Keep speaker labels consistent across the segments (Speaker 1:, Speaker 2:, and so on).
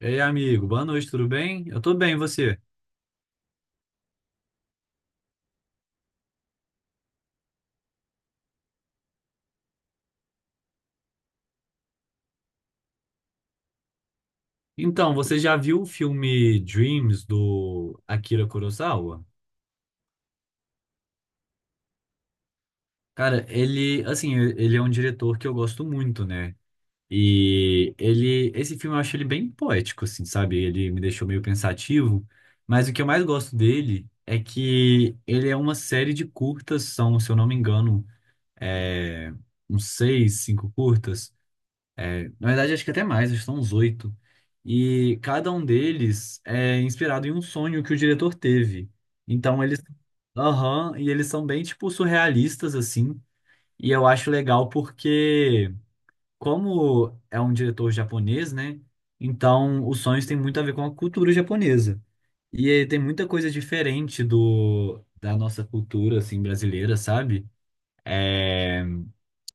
Speaker 1: Ei, amigo, boa noite, tudo bem? Eu tô bem, e você? Então, você já viu o filme Dreams do Akira Kurosawa? Cara, ele, assim, ele é um diretor que eu gosto muito, né? E ele, esse filme eu acho ele bem poético, assim, sabe? Ele me deixou meio pensativo, mas o que eu mais gosto dele é que ele é uma série de curtas, são, se eu não me engano, é, uns seis, cinco curtas. Na verdade, acho que até mais, acho que são uns oito. E cada um deles é inspirado em um sonho que o diretor teve. Então eles. Aham, e eles são bem, tipo, surrealistas, assim. E eu acho legal porque, como é um diretor japonês, né? Então os sonhos têm muito a ver com a cultura japonesa. E tem muita coisa diferente da nossa cultura, assim, brasileira, sabe? é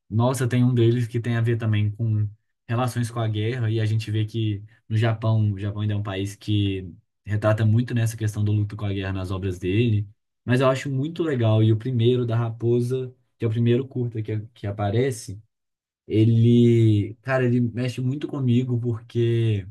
Speaker 1: Nossa, tem um deles que tem a ver também com relações com a guerra, e a gente vê que no Japão, o Japão ainda é um país que retrata muito nessa questão do luto com a guerra nas obras dele, mas eu acho muito legal. E o primeiro, da Raposa, que é o primeiro curta que aparece, ele, cara, ele mexe muito comigo, porque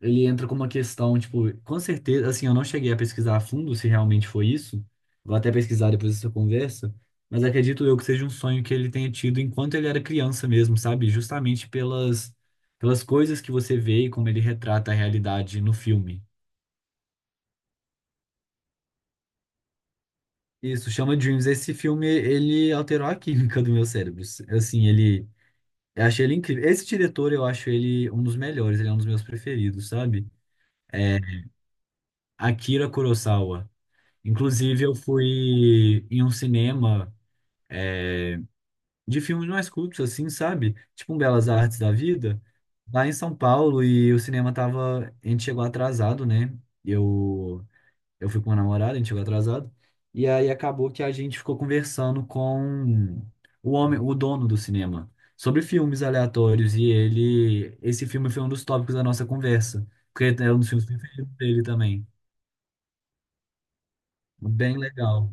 Speaker 1: ele entra com uma questão, tipo, com certeza, assim, eu não cheguei a pesquisar a fundo se realmente foi isso. Vou até pesquisar depois dessa conversa, mas acredito eu que seja um sonho que ele tenha tido enquanto ele era criança mesmo, sabe? Justamente pelas coisas que você vê e como ele retrata a realidade no filme. Isso, chama Dreams. Esse filme, ele alterou a química do meu cérebro. Assim, ele eu achei ele incrível. Esse diretor, eu acho ele um dos melhores, ele é um dos meus preferidos, sabe? É Akira Kurosawa. Inclusive, eu fui em um cinema é, de filmes mais cultos, assim, sabe? Tipo um Belas Artes da Vida, lá em São Paulo, e o cinema tava. A gente chegou atrasado, né? Eu, eu fui com uma namorada, a gente chegou atrasado. E aí acabou que a gente ficou conversando com o homem, o dono do cinema, sobre filmes aleatórios, e ele. Esse filme foi um dos tópicos da nossa conversa, porque é um dos filmes preferidos dele também. Bem legal.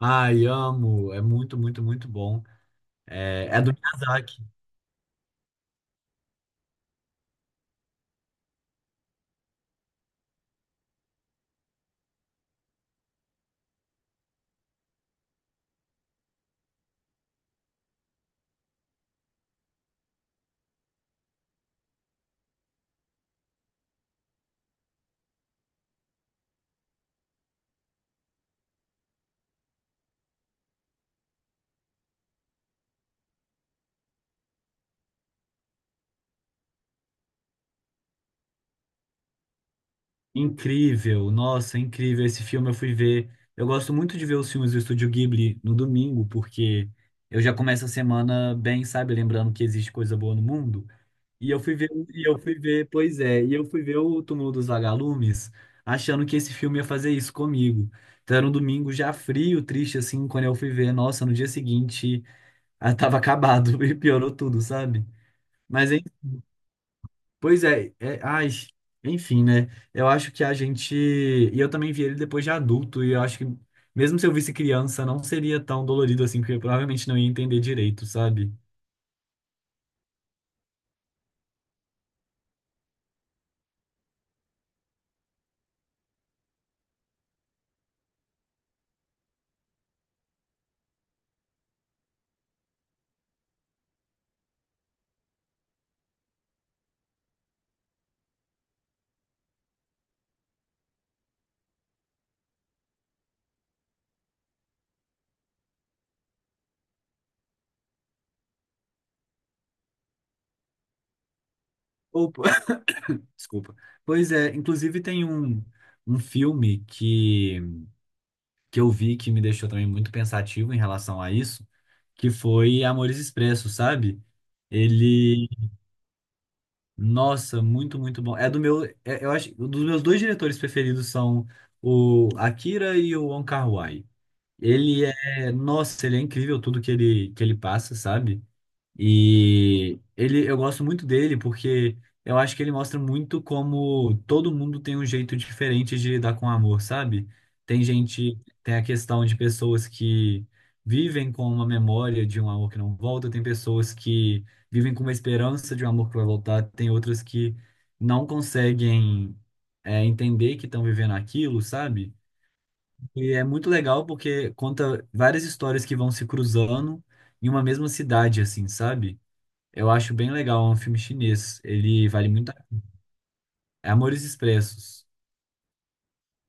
Speaker 1: Ai, amo. É muito, muito, muito bom. É, é do Miyazaki. Incrível. Nossa, incrível. Esse filme eu fui ver. Eu gosto muito de ver os filmes do Estúdio Ghibli no domingo, porque eu já começo a semana bem, sabe? Lembrando que existe coisa boa no mundo. Pois é, e eu fui ver o Túmulo dos Vagalumes, achando que esse filme ia fazer isso comigo. Então era um domingo já frio, triste, assim, quando eu fui ver. Nossa, no dia seguinte, ah, tava acabado e piorou tudo, sabe? Mas Pois é, é, ai, enfim, né? Eu acho que a gente. E eu também vi ele depois de adulto, e eu acho que mesmo se eu visse criança, não seria tão dolorido assim, porque eu provavelmente não ia entender direito, sabe? Opa. Desculpa. Pois é, inclusive tem um filme que eu vi que me deixou também muito pensativo em relação a isso, que foi Amores Expressos, sabe? Ele nossa, muito, muito bom. É do meu, é- eu acho, um dos meus dois diretores preferidos são o Akira e o Wong Kar-wai. Ele é, nossa, ele é incrível tudo que ele passa, sabe? E ele, eu gosto muito dele porque eu acho que ele mostra muito como todo mundo tem um jeito diferente de lidar com o amor, sabe? Tem gente, tem a questão de pessoas que vivem com uma memória de um amor que não volta, tem pessoas que vivem com uma esperança de um amor que vai voltar, tem outras que não conseguem, entender que estão vivendo aquilo, sabe? E é muito legal porque conta várias histórias que vão se cruzando em uma mesma cidade, assim, sabe? Eu acho bem legal, é um filme chinês. Ele vale muito. É Amores Expressos.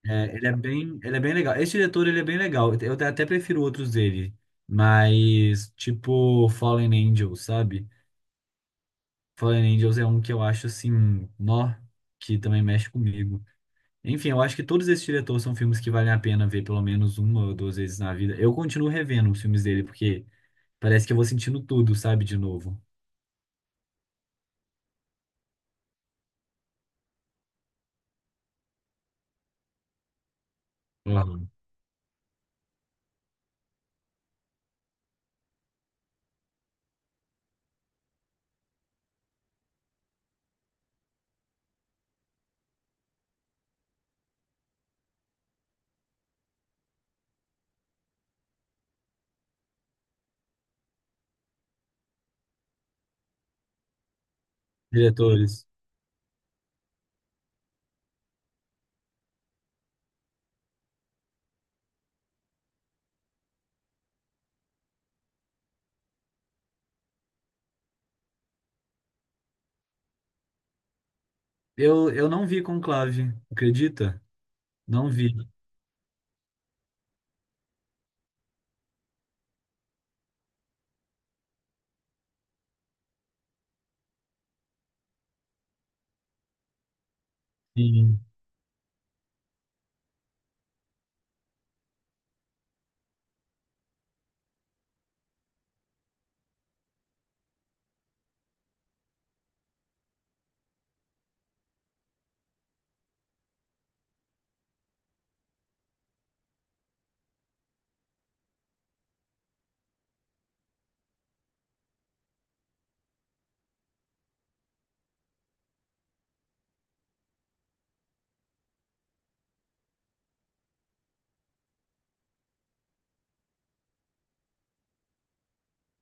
Speaker 1: É, ele é bem legal. Esse diretor, ele é bem legal. Até prefiro outros dele, mas tipo Fallen Angels, sabe? Fallen Angels é um que eu acho assim, nó, que também mexe comigo. Enfim, eu acho que todos esses diretores são filmes que valem a pena ver pelo menos uma ou duas vezes na vida. Eu continuo revendo os filmes dele porque parece que eu vou sentindo tudo, sabe, de novo. Uhum. Diretores. Eu não vi Conclave, acredita? Não vi. Sim.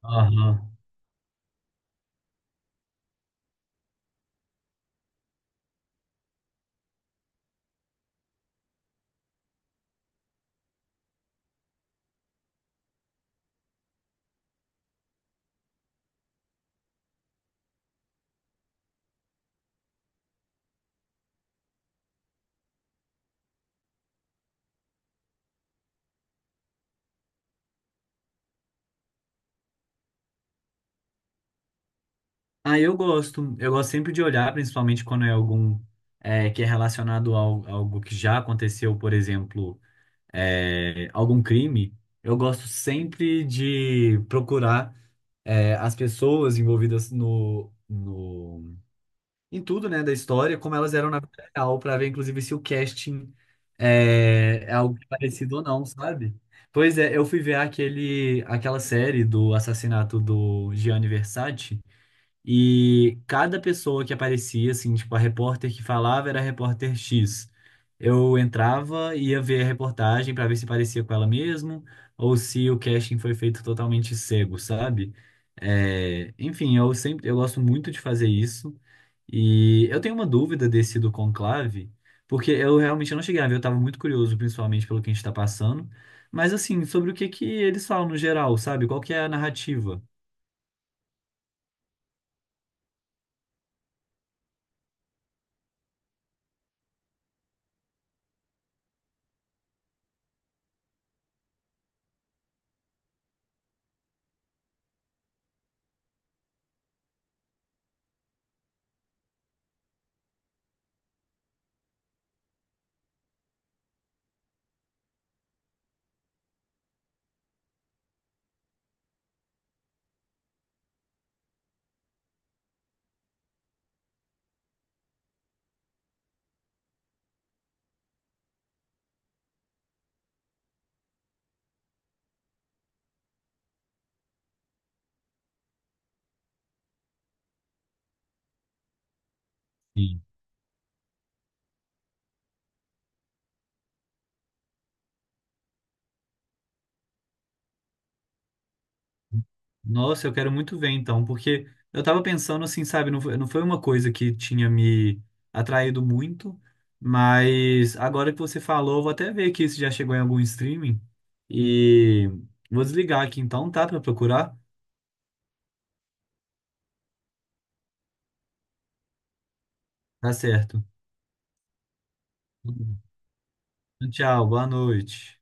Speaker 1: Aham. Ah, eu gosto. Eu gosto sempre de olhar, principalmente quando é algum que é relacionado a algo que já aconteceu, por exemplo, algum crime. Eu gosto sempre de procurar as pessoas envolvidas no em tudo, né, da história, como elas eram na vida real, pra ver, inclusive, se o casting é algo parecido ou não, sabe? Pois é, eu fui ver aquele, aquela série do assassinato do Gianni Versace, e cada pessoa que aparecia, assim, tipo, a repórter que falava era a repórter X. Eu entrava e ia ver a reportagem pra ver se parecia com ela mesmo, ou se o casting foi feito totalmente cego, sabe? É, enfim, eu sempre, eu gosto muito de fazer isso. E eu tenho uma dúvida desse do conclave, porque eu realmente não cheguei a ver, eu estava muito curioso, principalmente pelo que a gente está passando. Mas assim, sobre o que que eles falam no geral, sabe? Qual que é a narrativa? Sim. Nossa, eu quero muito ver então, porque eu tava pensando assim, sabe, não foi, não foi uma coisa que tinha me atraído muito, mas agora que você falou, eu vou até ver aqui se já chegou em algum streaming e vou desligar aqui então, tá, pra procurar? Tá certo. Tchau, boa noite.